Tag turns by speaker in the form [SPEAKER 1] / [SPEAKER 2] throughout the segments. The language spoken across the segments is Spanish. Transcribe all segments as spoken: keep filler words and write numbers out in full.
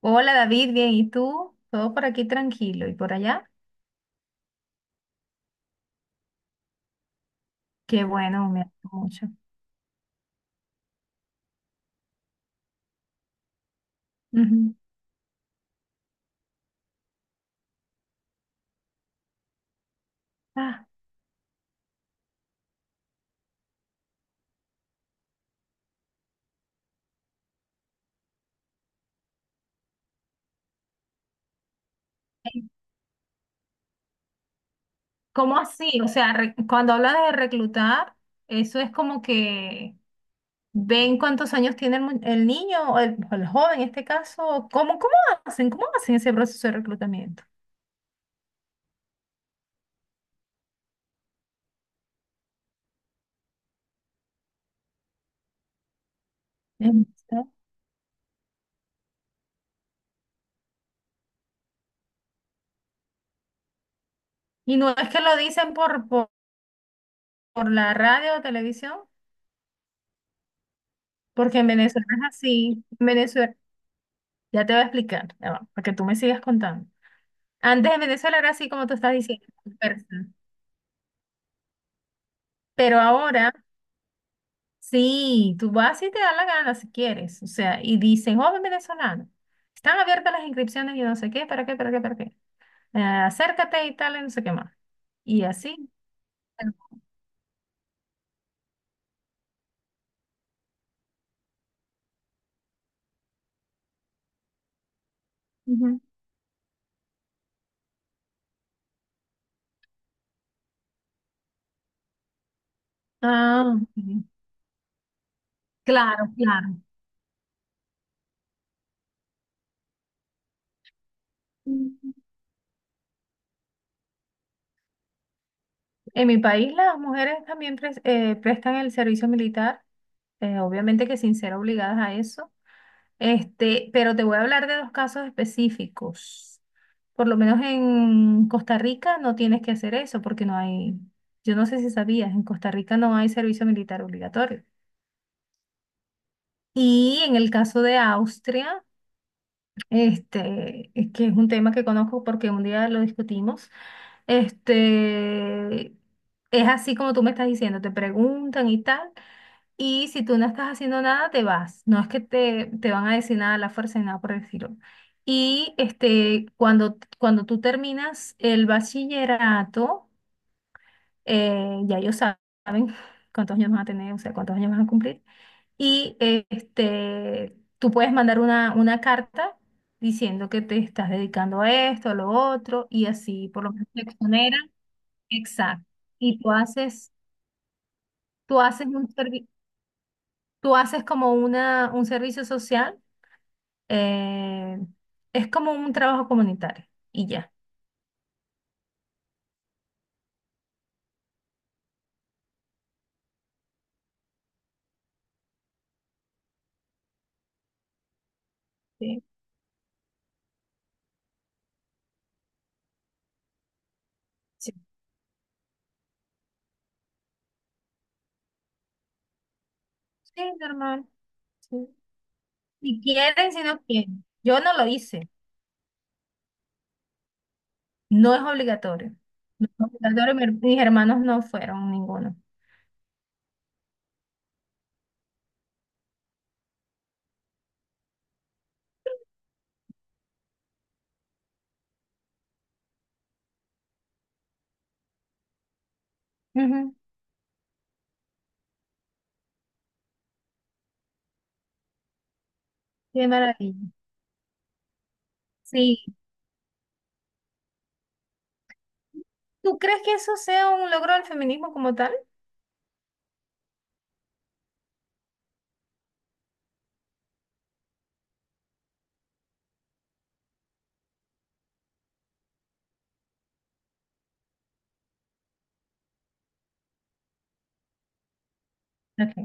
[SPEAKER 1] Hola David, bien, ¿y tú? Todo por aquí tranquilo y por allá. Qué bueno, me alegro mucho. Ujú. Ah, eh, ¿Cómo así? O sea, re- cuando hablas de reclutar, eso es como que ven cuántos años tiene el, mu- el niño o el, o el joven en este caso. ¿Cómo, ¿cómo hacen? ¿Cómo hacen ese proceso de reclutamiento? Em, Y no es que lo dicen por, por, por la radio o televisión, porque en Venezuela es así. En Venezuela, ya te voy a explicar, ya va, para que tú me sigas contando. Antes en Venezuela era así como tú estás diciendo, dispersa. Pero ahora sí, tú vas y te da la gana si quieres. O sea, y dicen, joven venezolano, están abiertas las inscripciones y no sé qué, para qué, para qué, para qué. Eh, acércate y tal, y no sé qué más. Y así. Ujú. Ah, ok, claro, claro. En mi país las mujeres también pres- eh, prestan el servicio militar, eh, obviamente que sin ser obligadas a eso. Este, pero te voy a hablar de dos casos específicos. Por lo menos en Costa Rica no tienes que hacer eso porque no hay, yo no sé si sabías, en Costa Rica no hay servicio militar obligatorio. Y en el caso de Austria, este, es que es un tema que conozco porque un día lo discutimos, este, es así como tú me estás diciendo, te preguntan y tal. Y si tú no estás haciendo nada, te vas. No es que te, te van a decir nada a la fuerza ni nada por el estilo. Y este, cuando, cuando tú terminas el bachillerato, eh, ya ellos sa- saben cuántos años vas a tener, o sea, cuántos años vas a cumplir. Y eh, este, tú puedes mandar una, una carta diciendo que te estás dedicando a esto, a lo otro, y así por lo menos te exoneran. Exacto. Y tú haces, tú haces un servi- Tú haces como una, un servicio social. Eh, es como un trabajo comunitario y ya. Sí, sí. Sí, normal, sí. Si quieren, si no quieren. Yo no lo hice. No es obligatorio. No es obligatorio. mi- Mis hermanos no fueron ninguno. Ujú. Qué maravilla. Sí. ¿Tú crees que eso sea un logro del feminismo como tal? Ok.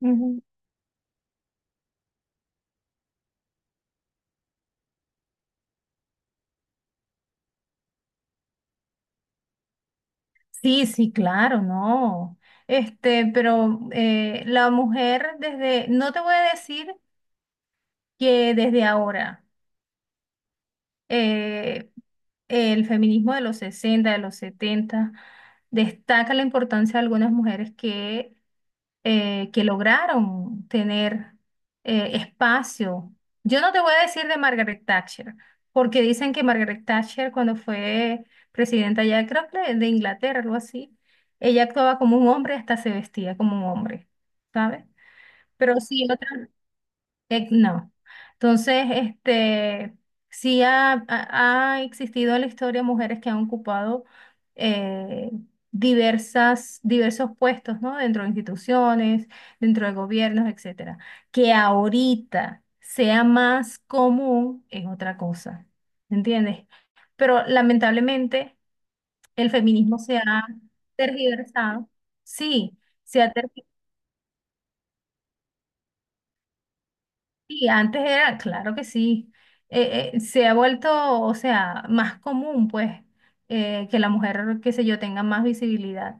[SPEAKER 1] Ujú. Sí, sí, claro, no. Este, pero eh, la mujer desde, no te voy a decir que desde ahora. eh, el feminismo de los sesenta, de los setenta, destaca la importancia de algunas mujeres que, eh, que lograron tener eh, espacio. Yo no te voy a decir de Margaret Thatcher, porque dicen que Margaret Thatcher cuando fue presidenta ya, creo que de Inglaterra, algo así, ella actuaba como un hombre, hasta se vestía como un hombre, ¿sabes? Pero sí, otra eh, no. Entonces, este, sí ha, ha- ha existido en la historia mujeres que han ocupado eh, diversas, diversos puestos, ¿no? Dentro de instituciones, dentro de gobiernos, etcétera. Que ahorita sea más común es otra cosa, ¿entiendes? Pero lamentablemente el feminismo se ha tergiversado. Sí, se ha tergiversado. Y antes era, claro que sí, eh, eh, se ha vuelto, o sea, más común, pues, eh, que la mujer, qué sé yo, tenga más visibilidad.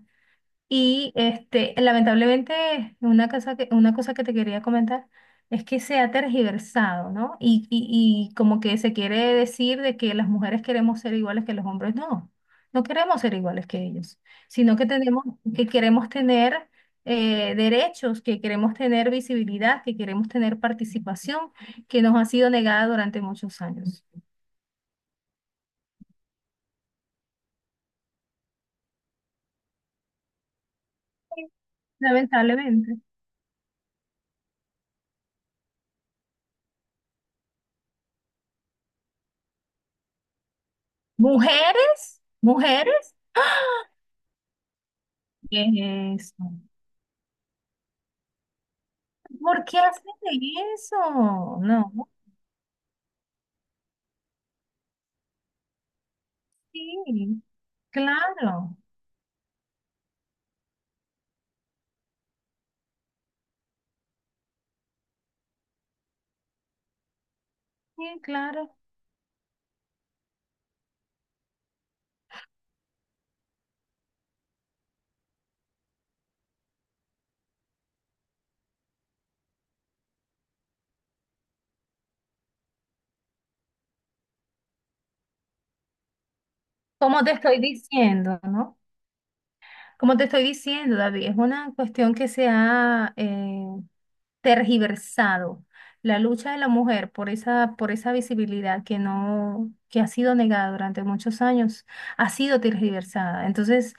[SPEAKER 1] Y este, lamentablemente, una cosa que, una cosa que te quería comentar es que se ha tergiversado, ¿no? Y, y, y como que se quiere decir de que las mujeres queremos ser iguales que los hombres. No, no queremos ser iguales que ellos, sino que tenemos, que queremos tener eh, derechos, que queremos tener visibilidad, que queremos tener participación, que nos ha sido negada durante muchos años. Lamentablemente. Mujeres, mujeres. ¡Ah! ¿Qué es eso? ¿Por qué hacen eso? No, sí, claro, sí, claro. Como te estoy diciendo, ¿no? Como te estoy diciendo, David, es una cuestión que se ha eh, tergiversado. La lucha de la mujer por esa, por esa visibilidad que no, que ha sido negada durante muchos años, ha sido tergiversada. Entonces,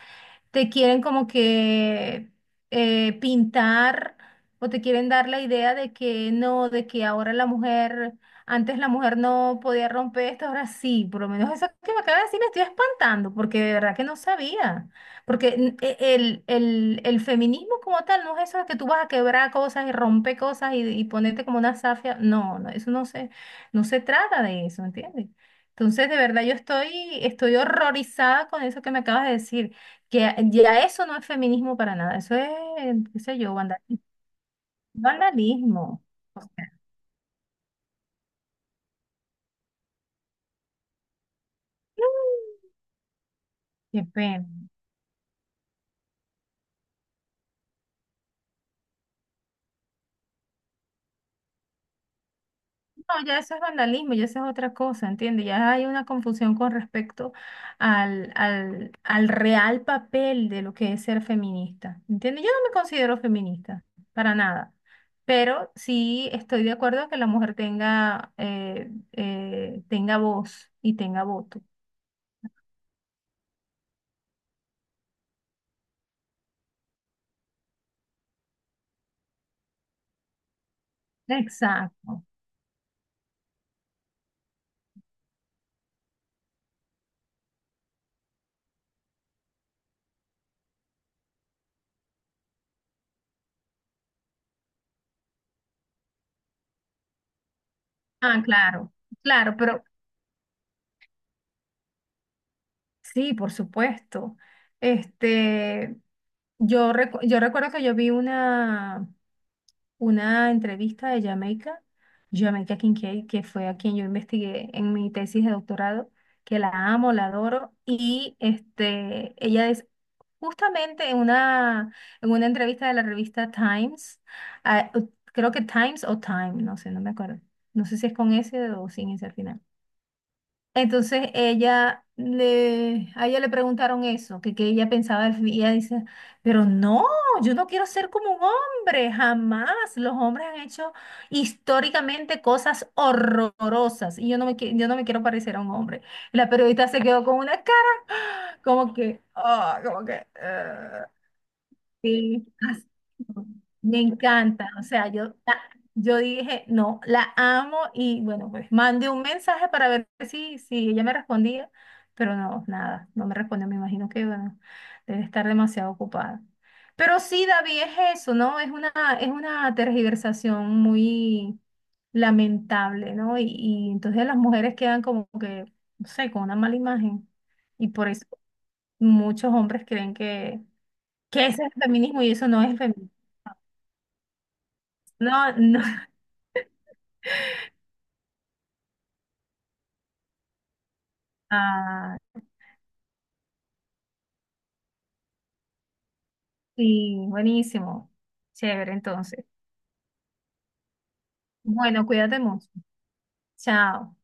[SPEAKER 1] te quieren como que eh, pintar o te quieren dar la idea de que no, de que ahora la mujer, antes la mujer no podía romper esto, ahora sí, por lo menos eso que me acaba de decir me estoy espantando, porque de verdad que no sabía, porque n- e- el, el, el feminismo como tal no es eso de que tú vas a quebrar cosas y romper cosas y, y ponerte como una zafia, no, no, eso no se, no se trata de eso, ¿entiendes? Entonces, de verdad, yo estoy, estoy horrorizada con eso que me acabas de decir. Que ya eso no es feminismo para nada, eso es, qué sé yo, vandal- vandalismo. O sea, qué pena. No, ya eso es vandalismo, ya eso es otra cosa, ¿entiendes? Ya hay una confusión con respecto al, al, al real papel de lo que es ser feminista, ¿entiendes? Yo no me considero feminista, para nada, pero sí estoy de acuerdo que la mujer tenga, eh, eh, tenga voz y tenga voto. Exacto. Ah, claro, claro, pero sí, por supuesto. Este, yo, recu- yo recuerdo que yo vi una, una entrevista de Jamaica, Jamaica Kincaid, que fue a quien yo investigué en mi tesis de doctorado, que la amo, la adoro, y este, ella es justamente en una, en una entrevista de la revista Times, ah, creo que Times o Time, no sé, no me acuerdo, no sé si es con S o sin S al final. Entonces ella le, a ella le preguntaron eso, que, que ella pensaba, y ella dice, pero no, yo no quiero ser como un hombre, jamás. Los hombres han hecho históricamente cosas horrorosas y yo no me, qui- yo no me quiero parecer a un hombre. La periodista se quedó con una cara como que, ah, como que, eh. Sí, as- Me encanta. O sea, yo, la- yo dije, no, la amo y bueno, pues mandé un mensaje para ver si, si ella me respondía, pero no, nada, no me respondió. Me imagino que bueno, debe estar demasiado ocupada. Pero sí, David, es eso, ¿no? Es una, es una tergiversación muy lamentable, ¿no? Y, y entonces las mujeres quedan como que, no sé, con una mala imagen. Y por eso muchos hombres creen que ¿qué es el feminismo? Y eso no es feminismo. No, no. Ah, sí, buenísimo. Chévere, entonces. Bueno, cuídate mucho. Chao.